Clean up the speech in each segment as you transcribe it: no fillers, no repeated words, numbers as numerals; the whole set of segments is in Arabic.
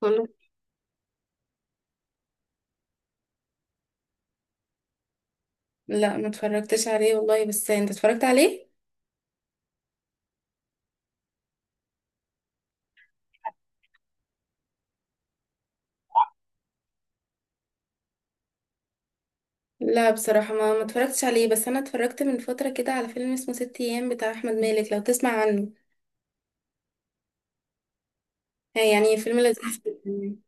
كله. لا، ما اتفرجتش عليه والله. بس انت اتفرجت عليه؟ لا بصراحة ما اتفرجتش عليه، بس انا اتفرجت من فترة كده على فيلم اسمه ست ايام بتاع احمد مالك، لو تسمع عنه. هي يعني فيلم لذيذ جداً يعني.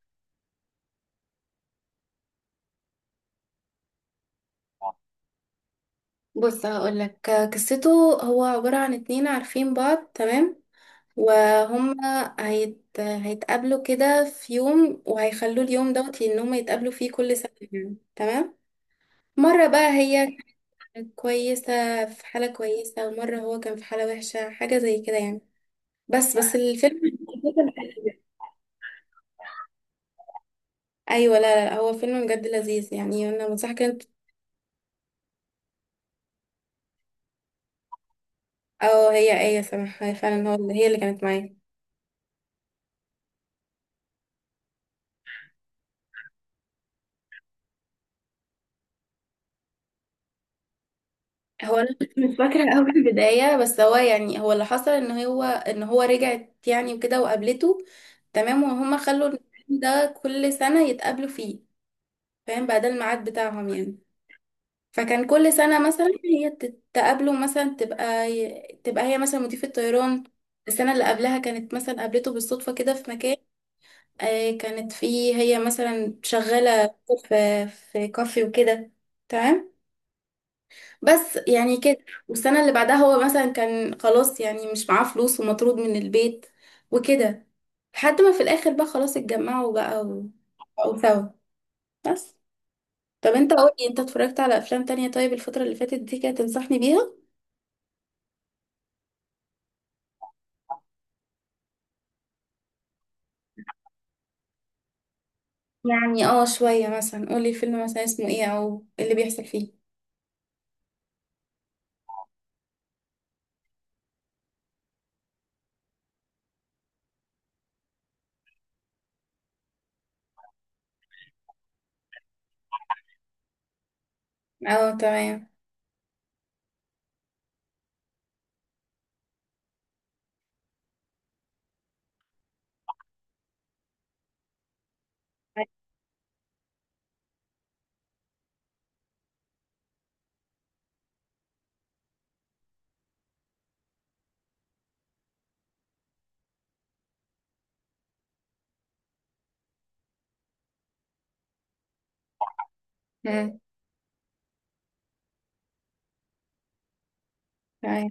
بص هقولك قصته. هو عبارة عن اتنين عارفين بعض تمام، وهم هيتقابلوا كده في يوم، وهيخلوا اليوم دوت ان هم يتقابلوا فيه كل سنة يعني تمام. مرة بقى هي كانت كويسة في حالة كويسة، ومرة هو كان في حالة وحشة حاجة زي كده يعني. بس الفيلم ايوه، لا هو فيلم بجد لذيذ يعني. انا مصح كانت اه، هي ايه سامح، هي فعلا هو، هي اللي كانت معايا. هو انا مش فاكره قوي البدايه، بس هو يعني هو اللي حصل ان هو رجعت يعني وكده وقابلته. تمام، وهما خلوا الفيلم ده كل سنه يتقابلوا فيه، فاهم؟ بقى ده الميعاد بتاعهم يعني. فكان كل سنه مثلا هي تتقابلوا مثلا، تبقى تبقى هي مثلا مضيفه طيران. السنه اللي قبلها كانت مثلا قابلته بالصدفه كده في مكان، آه، كانت في، هي مثلا شغالة في في كافي وكده، تمام، بس يعني كده. والسنة اللي بعدها هو مثلا كان خلاص يعني مش معاه فلوس ومطرود من البيت وكده، لحد ما في الآخر بقى خلاص اتجمعوا بقى وبقوا سوا. بس. طب انت قولي، انت اتفرجت على افلام تانية طيب الفترة اللي فاتت دي كده تنصحني بيها؟ يعني اه شوية، مثلا قولي الفيلم مثلا اسمه ايه او اللي بيحصل فيه. اه تمام. مم، تمام.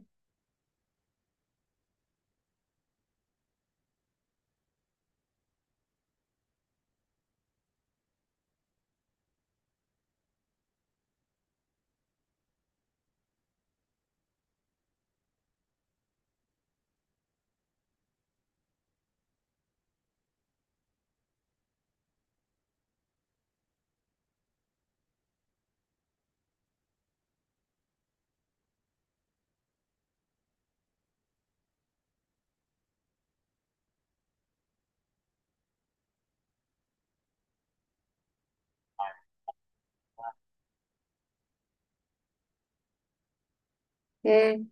مم،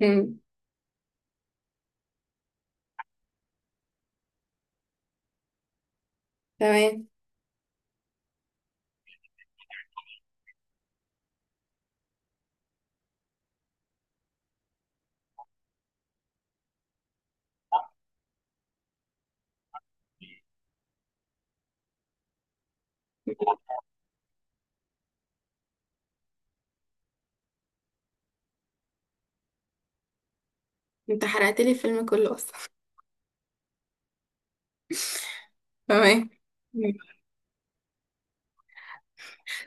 مم، تمام. انت حرقت لي الفيلم كله اصلا. تمام. مم.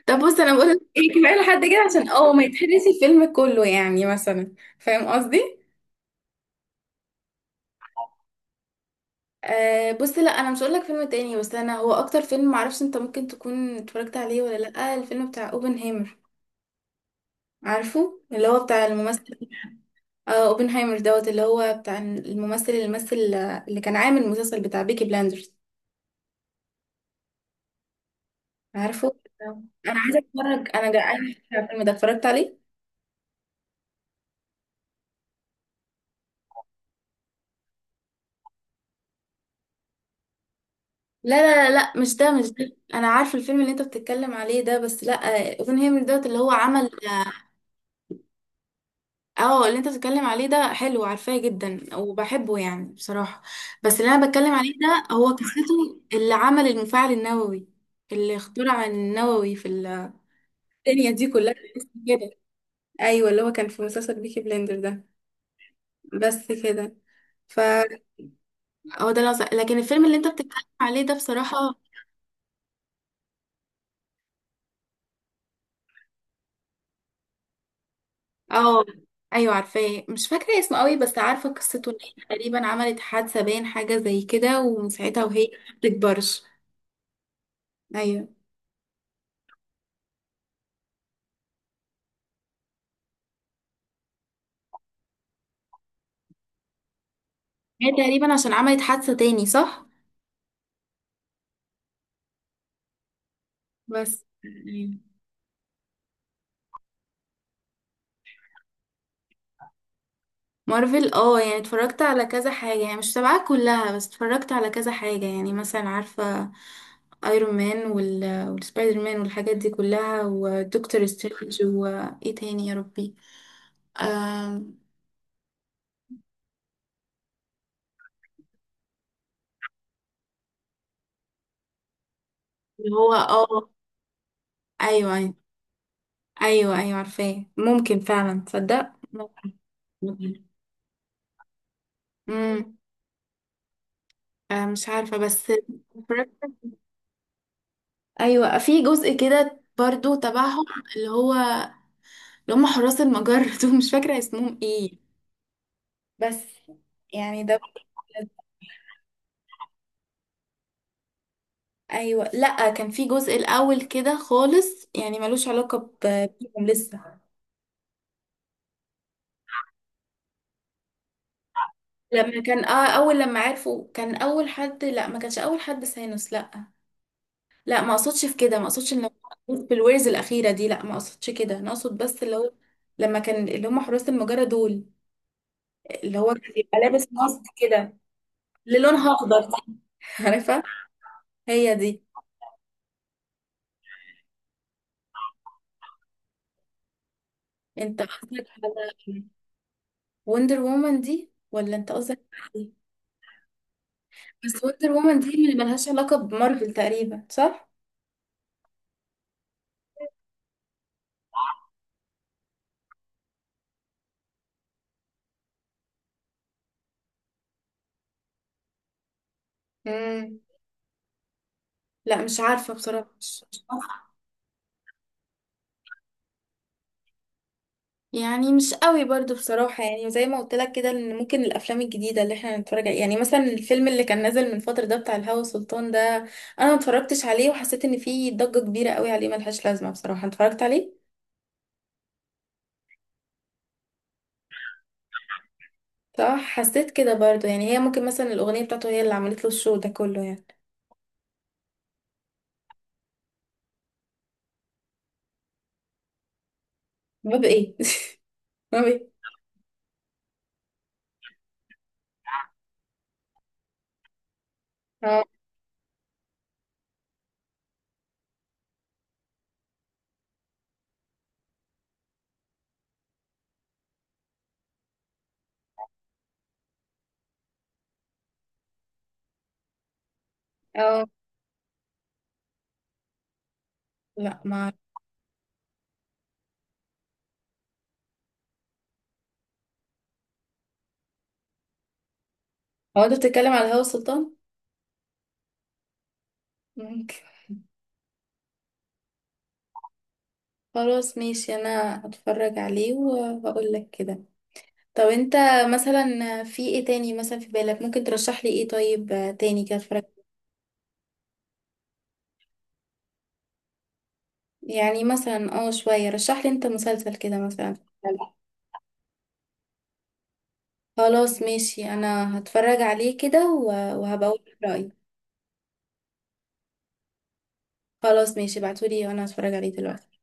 طب بص انا بقول لك ايه، كفايه لحد كده عشان اه ما يتحرقش الفيلم كله يعني، مثلا فاهم قصدي؟ آه بص، لا انا مش هقول لك فيلم تاني، بس انا هو اكتر فيلم معرفش انت ممكن تكون اتفرجت عليه ولا لا، الفيلم بتاع اوبنهايمر. عارفه اللي هو بتاع الممثل؟ آه اوبنهايمر دوت اللي هو بتاع الممثل، اللي مثل اللي كان عامل المسلسل بتاع بيكي بلاندرز، عارفه؟ آه. انا عايزه اتفرج، انا جعانه على الفيلم ده، اتفرجت عليه؟ لا لا لا لا، مش ده مش ده، انا عارفه الفيلم اللي انت بتتكلم عليه ده، بس لا اوبنهيمر دوت اللي هو عمل اه. آه، اللي انت بتتكلم عليه ده حلو، عارفاه جدا وبحبه يعني بصراحه، بس اللي انا بتكلم عليه ده هو قصته اللي عمل المفاعل النووي، اللي اخترع النووي في ال- الدنيا دي كلها كده. ايوه اللي هو كان في مسلسل بيكي بلندر ده. بس كده. فهو ده العظ- لكن الفيلم اللي انت بتتكلم عليه ده بصراحه اه. ايوه عارفاه، مش فاكره اسمه قوي، بس عارفه قصته ان هي تقريبا عملت حادثه، باين حاجه زي كده، ومن ساعتها وهي ما بتكبرش. ايوه، هي تقريبا عشان عملت حادثه تاني، صح. بس أيوة. مارفل اه، يعني اتفرجت على كذا حاجه يعني، مش تبعها كلها، بس اتفرجت على كذا حاجه يعني. مثلا عارفه ايرون مان وال... والسبايدر مان والحاجات دي كلها، ودكتور سترينج، وايه تاني يا ربي؟ آم، اللي هو اه. ايوه أيوه. ايوه عارفاه، ممكن فعلا تصدق، ممكن. ممكن. امم. آه مش عارفه بس ايوه في جزء كده برضو تبعهم، اللي هو اللي هم حراس المجر دول، مش فاكره اسمهم ايه، بس يعني ده بجد. ايوه لا كان في جزء الاول كده خالص يعني ملوش علاقه ب- بيهم لسه. لما كان اه، اول لما عرفوا كان اول حد، لا ما كانش اول حد سانوس، لا. لا ما اقصدش في كده، ما اقصدش ان هم بالويرز الاخيره دي، لا ما اقصدش كده، انا اقصد بس اللي هو لما كان اللي هم حراس المجره دول، اللي هو كان بيبقى لابس ماسك كده، اللي لونها اخضر دي عارفه؟ هي دي. انت قصدك على وندر وومن دي ولا انت قصدك على دي؟ بس وندر وومن دي اللي ملهاش علاقه بمارفل تقريبا، صح؟ امم. لا مش عارفه بصراحه، مش عارفة. يعني مش قوي برضو بصراحة، يعني زي ما قلت لك كده ان ممكن الافلام الجديدة اللي احنا نتفرج عليها، يعني مثلا الفيلم اللي كان نازل من فترة ده بتاع الهوى سلطان ده، انا ما اتفرجتش عليه وحسيت ان فيه ضجة كبيرة قوي عليه ملهاش لازمة بصراحة. أنت اتفرجت عليه؟ صح، حسيت كده برضو يعني، هي ممكن مثلا الاغنية بتاعته هي اللي عملت له الشو ده كله يعني. باب ايه؟ باب ايه؟ اه اه. لا ما هو، انت بتتكلم على الهوى سلطان؟ ممكن. خلاص ماشي، انا هتفرج عليه وهقول لك كده. طب انت مثلا في ايه تاني مثلا في بالك ممكن ترشح لي ايه طيب آه، تاني كده اتفرج؟ يعني مثلا اه شوية، رشح لي انت مسلسل كده مثلا. خلاص ماشي، انا هتفرج عليه كده وهبقول رأيي. خلاص ماشي، ابعتولي وانا هتفرج عليه دلوقتي.